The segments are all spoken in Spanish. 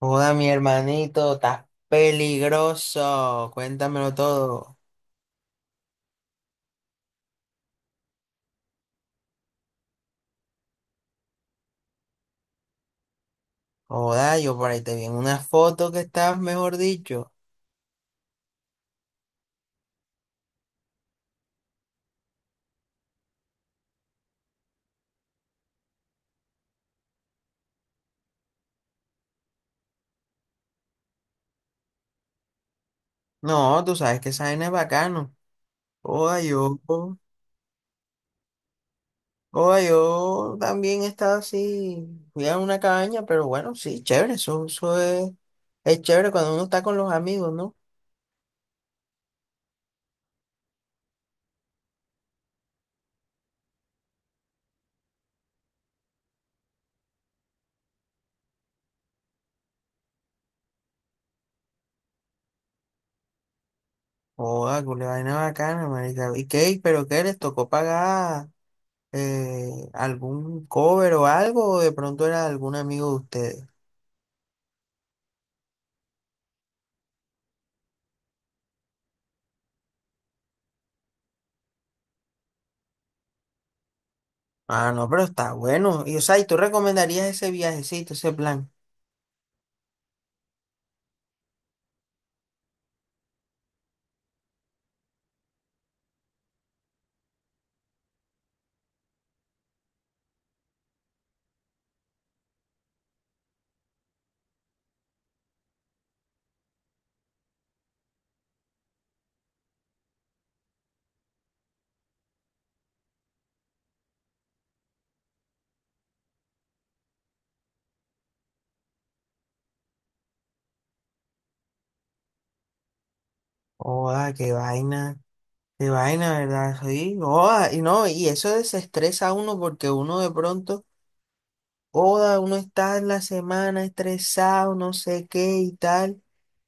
Joda, mi hermanito, estás peligroso. Cuéntamelo todo. Joda, yo por ahí te vi en una foto que estás, mejor dicho. No, tú sabes que esa vaina es bacano. Joda, yo, joda, yo también estaba así. Fui a una cabaña, pero bueno, sí, chévere. Es chévere cuando uno está con los amigos, ¿no? Joda, cule vaina bacana, marica. ¿Y qué? ¿Pero qué? ¿Les tocó pagar algún cover o algo? ¿O de pronto era algún amigo de ustedes? Ah, no, pero está bueno. Y, o sea, ¿y tú recomendarías ese viajecito, ese plan? Joda, qué vaina, ¿verdad? Sí, joda, y no, y eso desestresa a uno porque uno de pronto, joda, uno está en la semana estresado, no sé qué y tal,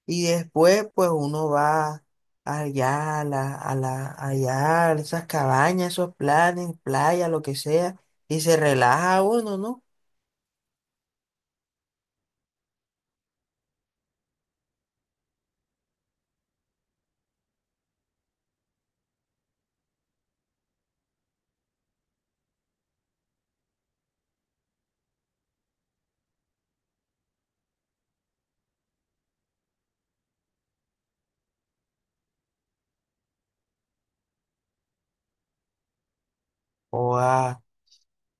y después, pues uno va allá, allá, a esas cabañas, esos planes, playa, lo que sea, y se relaja uno, ¿no? Joda.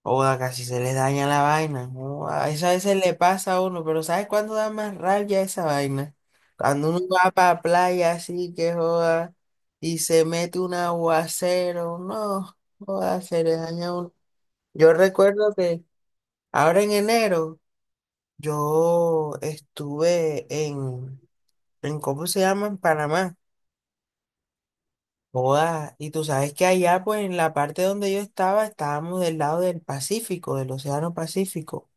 Oda, casi se le daña la vaina, ¿no? A eso a veces le pasa a uno, pero ¿sabes cuándo da más rabia esa vaina? Cuando uno va para playa así que joda y se mete un aguacero, no, joda, se le daña a uno. Yo recuerdo que ahora en enero yo estuve en ¿cómo se llama? En Panamá. Joda, y tú sabes que allá, pues en la parte donde yo estaba, estábamos del lado del Pacífico, del Océano Pacífico.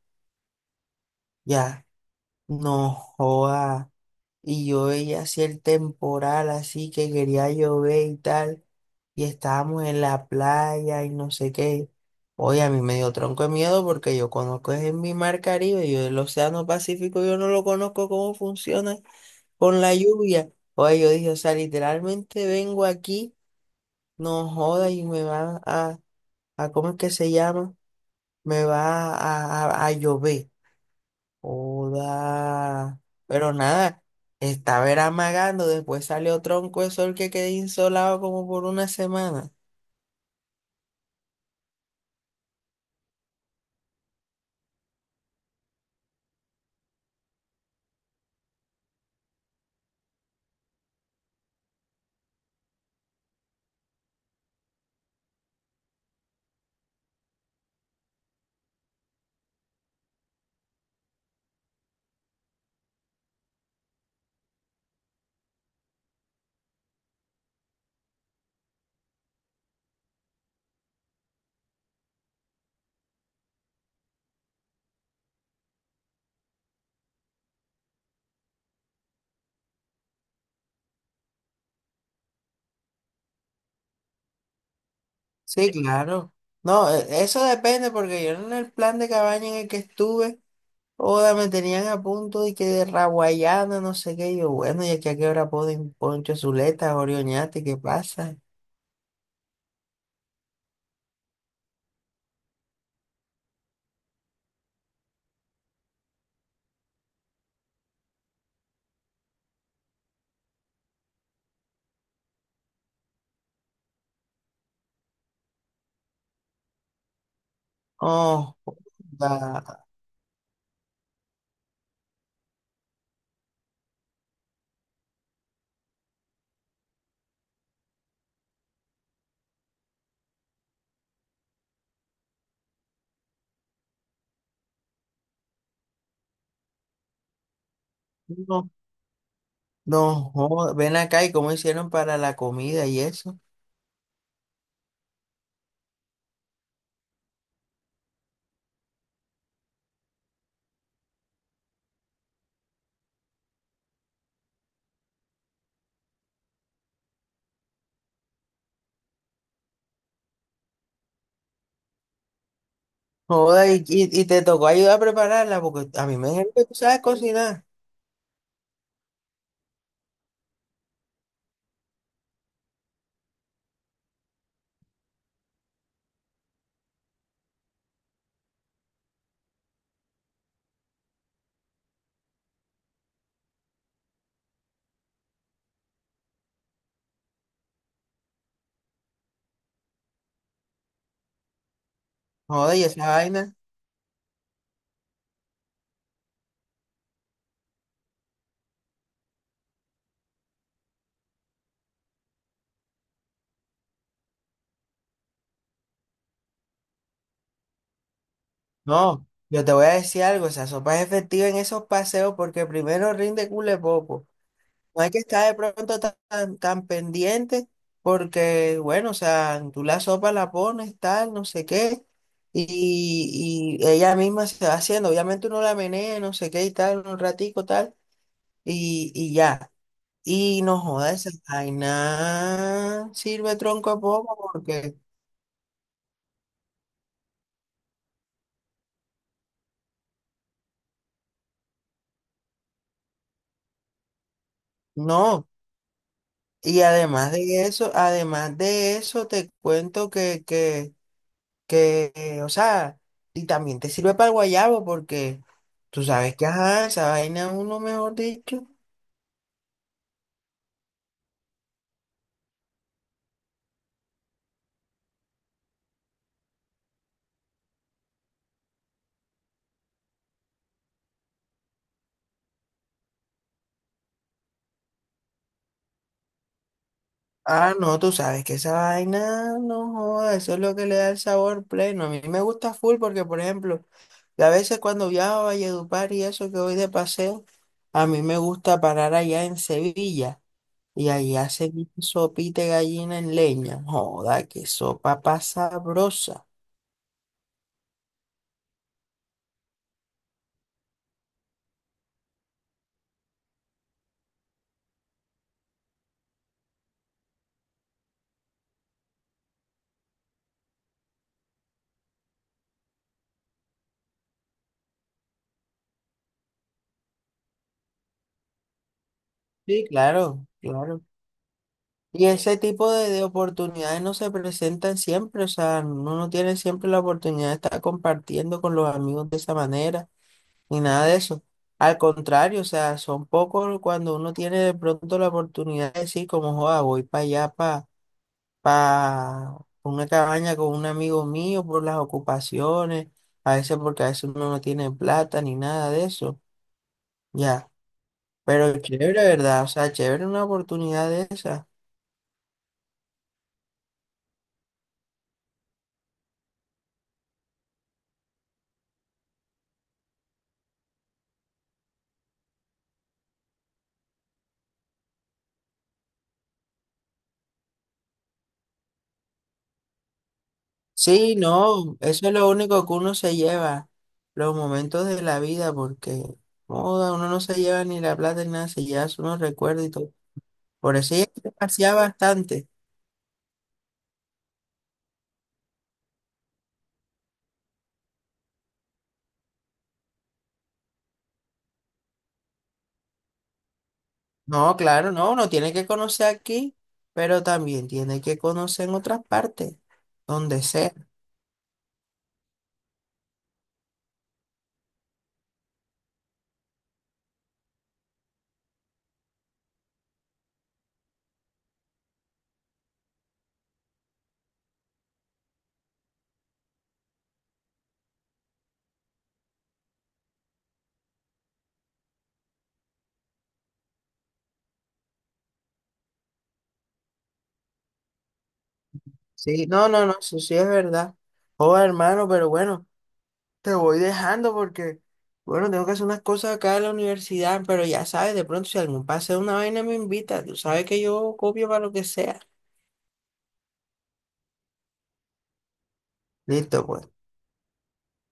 Ya. No joda. Y yo veía así el temporal, así que quería llover y tal. Y estábamos en la playa y no sé qué. Oye, a mí me dio tronco de miedo porque yo conozco es en mi mar Caribe, yo el Océano Pacífico, yo no lo conozco cómo funciona con la lluvia. Oye, yo dije, o sea, literalmente vengo aquí, no joda y me va a ¿cómo es que se llama? Me va a llover. Joda. Pero nada, estaba era amagando, después salió tronco de sol que quedé insolado como por una semana. Sí, claro. No, eso depende porque yo en el plan de cabaña en el que estuve, joda, me tenían a punto de que de raguayana, no sé qué. Y yo, bueno, y aquí a qué hora ponen Poncho Zuleta, Orioñate, ¿qué pasa? Oh, joda. No, no, joda. Ven acá y cómo hicieron para la comida y eso. Joder, y te tocó ayudar a prepararla, porque a mí me dijeron que tú sabes cocinar. Joder, y esa vaina. No, yo te voy a decir algo, esa sopa es efectiva en esos paseos porque primero rinde cule poco. No hay que estar de pronto tan pendiente porque, bueno, o sea, tú la sopa la pones, tal, no sé qué, y ella misma se va haciendo. Obviamente uno la menea, no sé qué y tal, un ratico, tal, y ya. Y no joda esa vaina, sirve tronco a poco porque no. Y además de eso, te cuento que, o sea, y también te sirve para el guayabo porque tú sabes que, ajá, esa vaina uno, mejor dicho. Ah, no, tú sabes que esa vaina, no joda, eso es lo que le da el sabor pleno. A mí me gusta full porque, por ejemplo, yo a veces cuando viajo a Valledupar y eso que voy de paseo, a mí me gusta parar allá en Sevilla. Y ahí hacen sopita de gallina en leña. Joda, qué sopa pasa sabrosa. Sí, claro, claro. Y ese tipo de oportunidades no se presentan siempre, o sea, uno no tiene siempre la oportunidad de estar compartiendo con los amigos de esa manera, ni nada de eso. Al contrario, o sea, son pocos cuando uno tiene de pronto la oportunidad de decir como, joda, voy para allá, para una cabaña con un amigo mío por las ocupaciones, a veces porque a veces uno no tiene plata ni nada de eso, ya, pero chévere, ¿verdad? O sea, chévere una oportunidad de esa. Sí, no, eso es lo único que uno se lleva, los momentos de la vida, porque joda, uno no se lleva ni la plata ni nada, se lleva unos recuerdos y todo. Por eso ella se pasea bastante. No, claro, no, uno tiene que conocer aquí, pero también tiene que conocer en otras partes, donde sea. Sí, no, no, no, eso sí es verdad. Oh, hermano, pero bueno, te voy dejando porque, bueno, tengo que hacer unas cosas acá en la universidad, pero ya sabes, de pronto si algún pase de una vaina me invita, tú sabes que yo copio para lo que sea. Listo, pues.